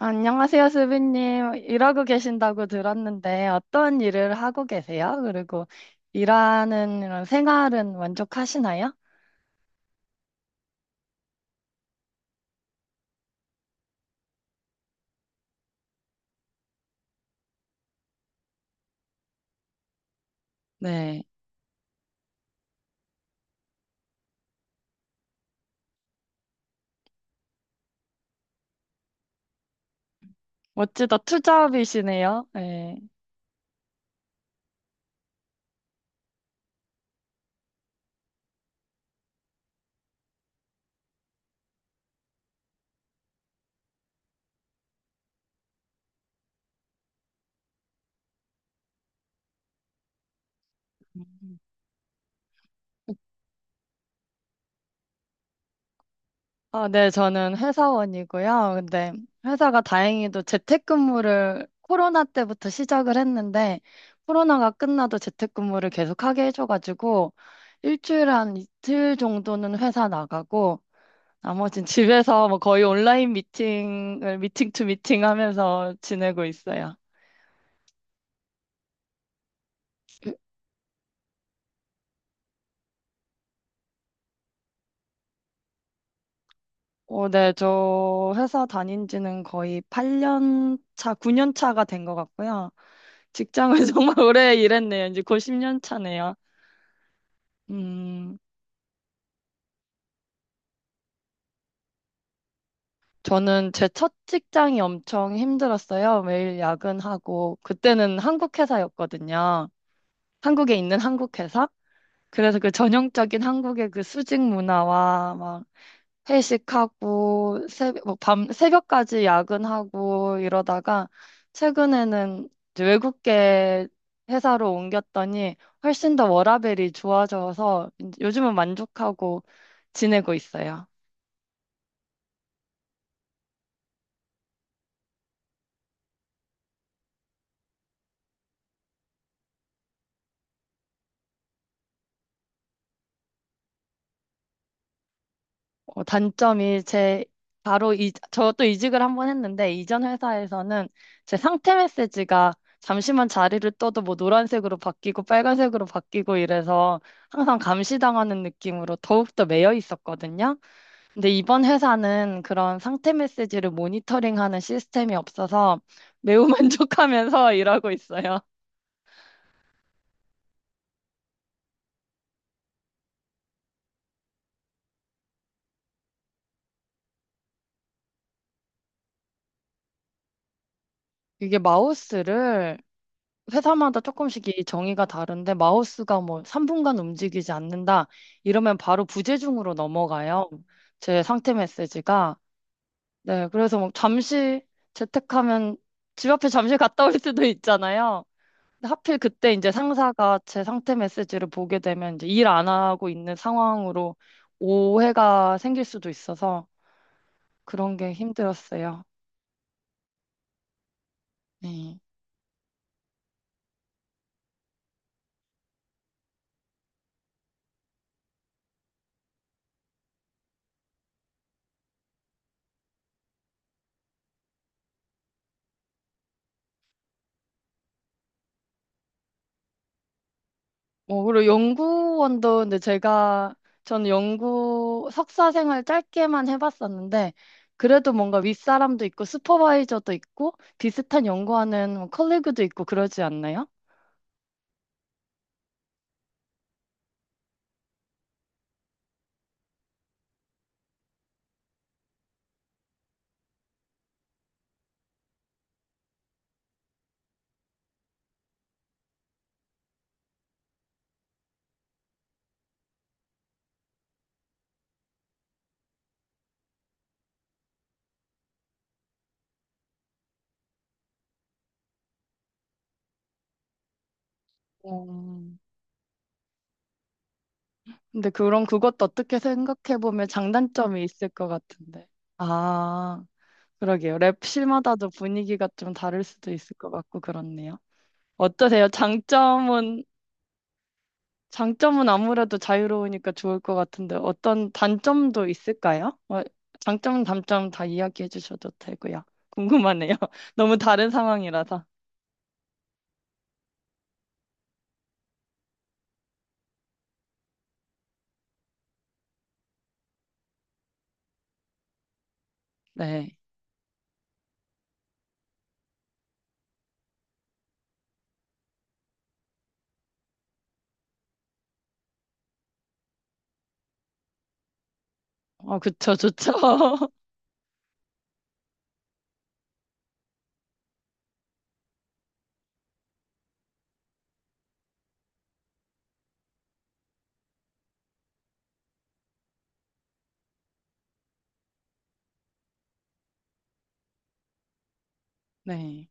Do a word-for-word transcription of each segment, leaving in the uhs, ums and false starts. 안녕하세요, 수빈님. 일하고 계신다고 들었는데 어떤 일을 하고 계세요? 그리고 일하는 이런 생활은 만족하시나요? 네. 멋지다. 투잡이시네요. 네. 음. 아, 네. 저는 회사원이고요. 근데 회사가 다행히도 재택근무를 코로나 때부터 시작을 했는데 코로나가 끝나도 재택근무를 계속하게 해줘가지고 일주일에 한 이틀 정도는 회사 나가고 나머진 집에서 뭐 거의 온라인 미팅을 미팅 투 미팅 하면서 지내고 있어요. 어, 네, 저 회사 다닌 지는 거의 팔 년 차, 구 년 차가 된 것 같고요. 직장을 정말 오래 일했네요. 이제 곧 십 년 차네요. 음, 저는 제 첫 직장이 엄청 힘들었어요. 매일 야근하고, 그때는 한국 회사였거든요. 한국에 있는 한국 회사? 그래서 그 전형적인 한국의 그 수직 문화와 막 회식하고 새벽, 뭐밤 새벽까지 야근하고 이러다가 최근에는 이제 외국계 회사로 옮겼더니 훨씬 더 워라밸이 좋아져서 이제 요즘은 만족하고 지내고 있어요. 어, 단점이 제 바로 이, 저도 이직을 한 번 했는데 이전 회사에서는 제 상태 메시지가 잠시만 자리를 떠도 뭐 노란색으로 바뀌고 빨간색으로 바뀌고 이래서 항상 감시당하는 느낌으로 더욱더 매여 있었거든요. 근데 이번 회사는 그런 상태 메시지를 모니터링하는 시스템이 없어서 매우 만족하면서 일하고 있어요. 이게 마우스를 회사마다 조금씩 이 정의가 다른데 마우스가 뭐 삼 분간 움직이지 않는다 이러면 바로 부재중으로 넘어가요. 제 상태 메시지가. 네, 그래서 뭐 잠시 재택하면 집 앞에 잠시 갔다 올 수도 있잖아요. 근데 하필 그때 이제 상사가 제 상태 메시지를 보게 되면 이제 일 안 하고 있는 상황으로 오해가 생길 수도 있어서 그런 게 힘들었어요. 네. 뭐, 그리고 연구원도 근데 제가, 저는 연구 석사 생활 짧게만 해봤었는데, 그래도 뭔가 윗사람도 있고, 슈퍼바이저도 있고, 비슷한 연구하는 뭐 컬리그도 있고, 그러지 않나요? 음. 근데 그럼 그것도 어떻게 생각해보면 장단점이 있을 것 같은데. 아. 그러게요. 랩실마다도 분위기가 좀 다를 수도 있을 것 같고 그렇네요. 어떠세요? 장점은, 장점은 아무래도 자유로우니까 좋을 것 같은데 어떤 단점도 있을까요? 어, 장점, 단점 다 이야기해 주셔도 되고요. 궁금하네요. 너무 다른 상황이라서. 네. 어, 그쵸, 좋죠. 네.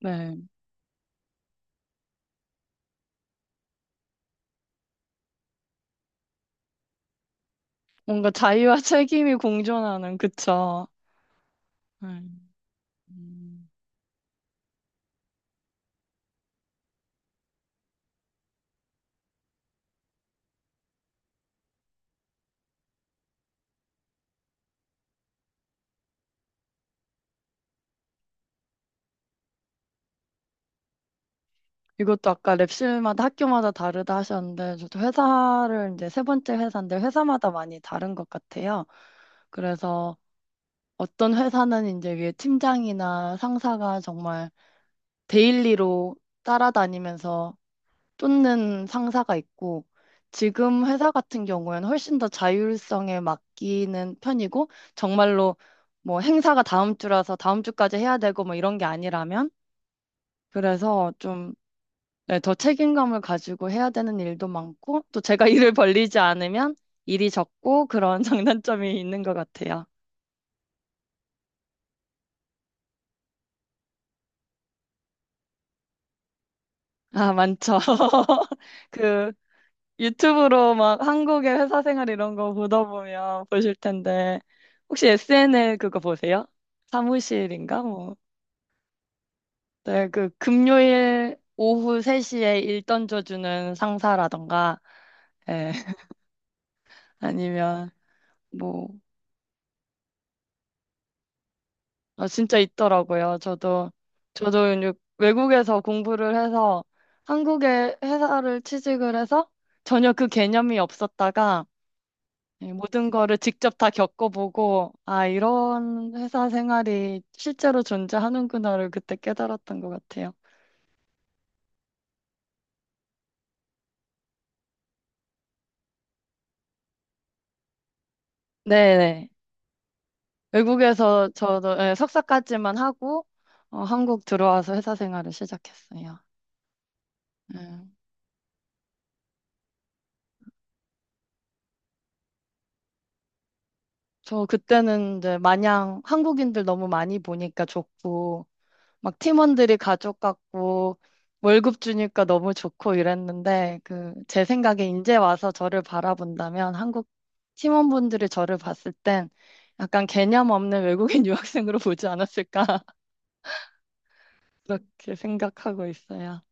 네. 뭔가 자유와 책임이 공존하는, 그쵸. 네. 음. 이것도 아까 랩실마다 학교마다 다르다 하셨는데, 저도 회사를 이제 세 번째 회사인데, 회사마다 많이 다른 것 같아요. 그래서 어떤 회사는 이제 위에 팀장이나 상사가 정말 데일리로 따라다니면서 쫓는 상사가 있고, 지금 회사 같은 경우에는 훨씬 더 자율성에 맡기는 편이고, 정말로 뭐 행사가 다음 주라서 다음 주까지 해야 되고 뭐 이런 게 아니라면, 그래서 좀 네, 더 책임감을 가지고 해야 되는 일도 많고, 또 제가 일을 벌리지 않으면 일이 적고 그런 장단점이 있는 것 같아요. 아, 많죠. 그 유튜브로 막 한국의 회사 생활 이런 거 보다 보면 보실 텐데, 혹시 에스엔엘 그거 보세요? 사무실인가? 뭐. 네, 그 금요일 오후 세 시에 일 던져주는 상사라던가, 예, 아니면 뭐, 아 진짜 있더라고요. 저도, 저도 이제 외국에서 공부를 해서 한국의 회사를 취직을 해서 전혀 그 개념이 없었다가 예, 모든 거를 직접 다 겪어보고, 아, 이런 회사 생활이 실제로 존재하는구나를 그때 깨달았던 것 같아요. 네네. 외국에서 저도 예, 석사까지만 하고, 어, 한국 들어와서 회사 생활을 시작했어요. 예. 저 그때는 이제 마냥 한국인들 너무 많이 보니까 좋고, 막 팀원들이 가족 같고 월급 주니까 너무 좋고 이랬는데 그 제 생각에 이제 와서 저를 바라본다면 한국 팀원분들이 저를 봤을 땐 약간 개념 없는 외국인 유학생으로 보지 않았을까 그렇게 생각하고 있어요.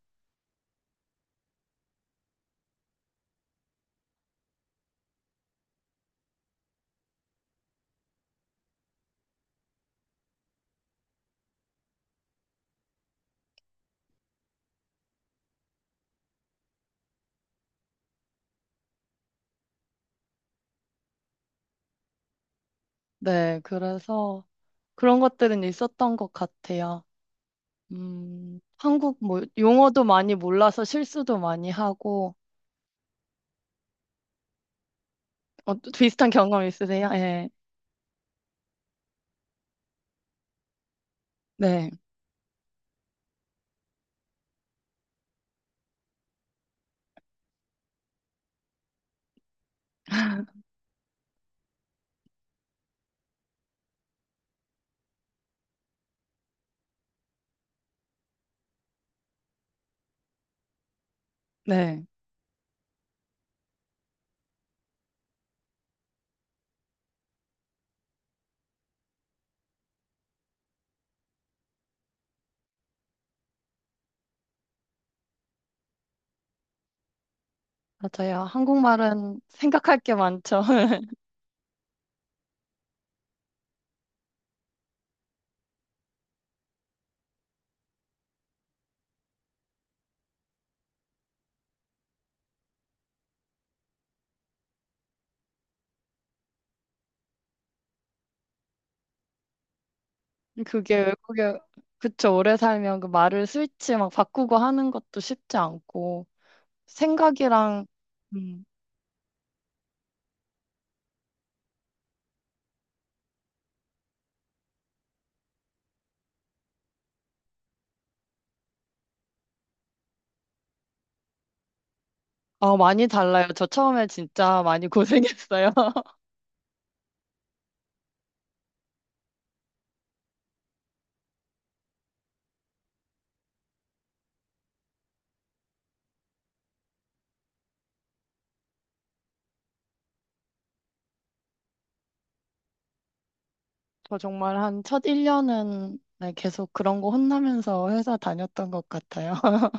네, 그래서 그런 것들은 있었던 것 같아요. 음, 한국 뭐 용어도 많이 몰라서 실수도 많이 하고 어, 비슷한 경험 있으세요? 예. 네, 네. 맞아요. 한국말은 생각할 게 많죠. 그게 외국에, 그쵸. 오래 살면 그 말을 스위치 막 바꾸고 하는 것도 쉽지 않고, 생각이랑, 음, 어, 많이 달라요. 저 처음에 진짜 많이 고생했어요. 저 정말 한 첫 일 년은 계속 그런 거 혼나면서 회사 다녔던 것 같아요.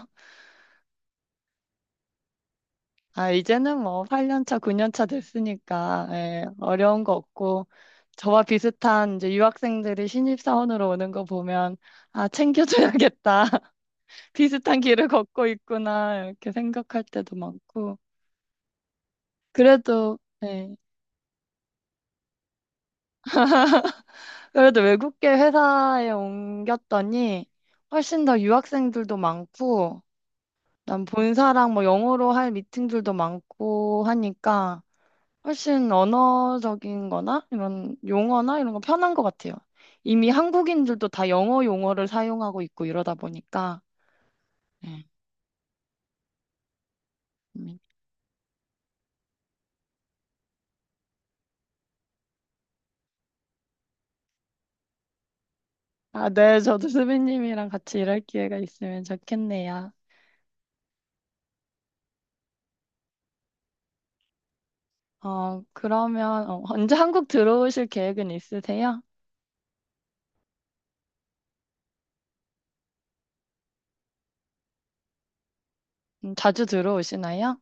아, 이제는 뭐 팔 년 차, 구 년 차 됐으니까, 예, 어려운 거 없고, 저와 비슷한 이제 유학생들이 신입사원으로 오는 거 보면, 아, 챙겨줘야겠다. 비슷한 길을 걷고 있구나. 이렇게 생각할 때도 많고. 그래도, 예, 그래도 외국계 회사에 옮겼더니, 훨씬 더 유학생들도 많고, 난 본사랑 뭐 영어로 할 미팅들도 많고 하니까, 훨씬 언어적인 거나 이런 용어나 이런 거 편한 것 같아요. 이미 한국인들도 다 영어 용어를 사용하고 있고 이러다 보니까. 네. 음. 아, 네. 저도 수빈님이랑 같이 일할 기회가 있으면 좋겠네요. 어, 그러면 어, 언제 한국 들어오실 계획은 있으세요? 음, 자주 들어오시나요?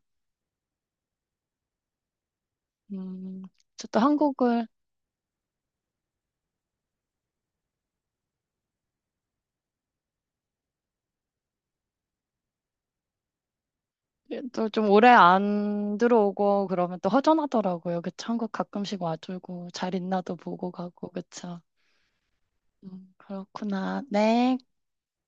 음, 저 또 한국을 또 좀 오래 안 들어오고 그러면 또 허전하더라고요. 그쵸? 한국 가끔씩 와주고 잘 있나도 보고 가고 그쵸? 음, 그렇구나. 네.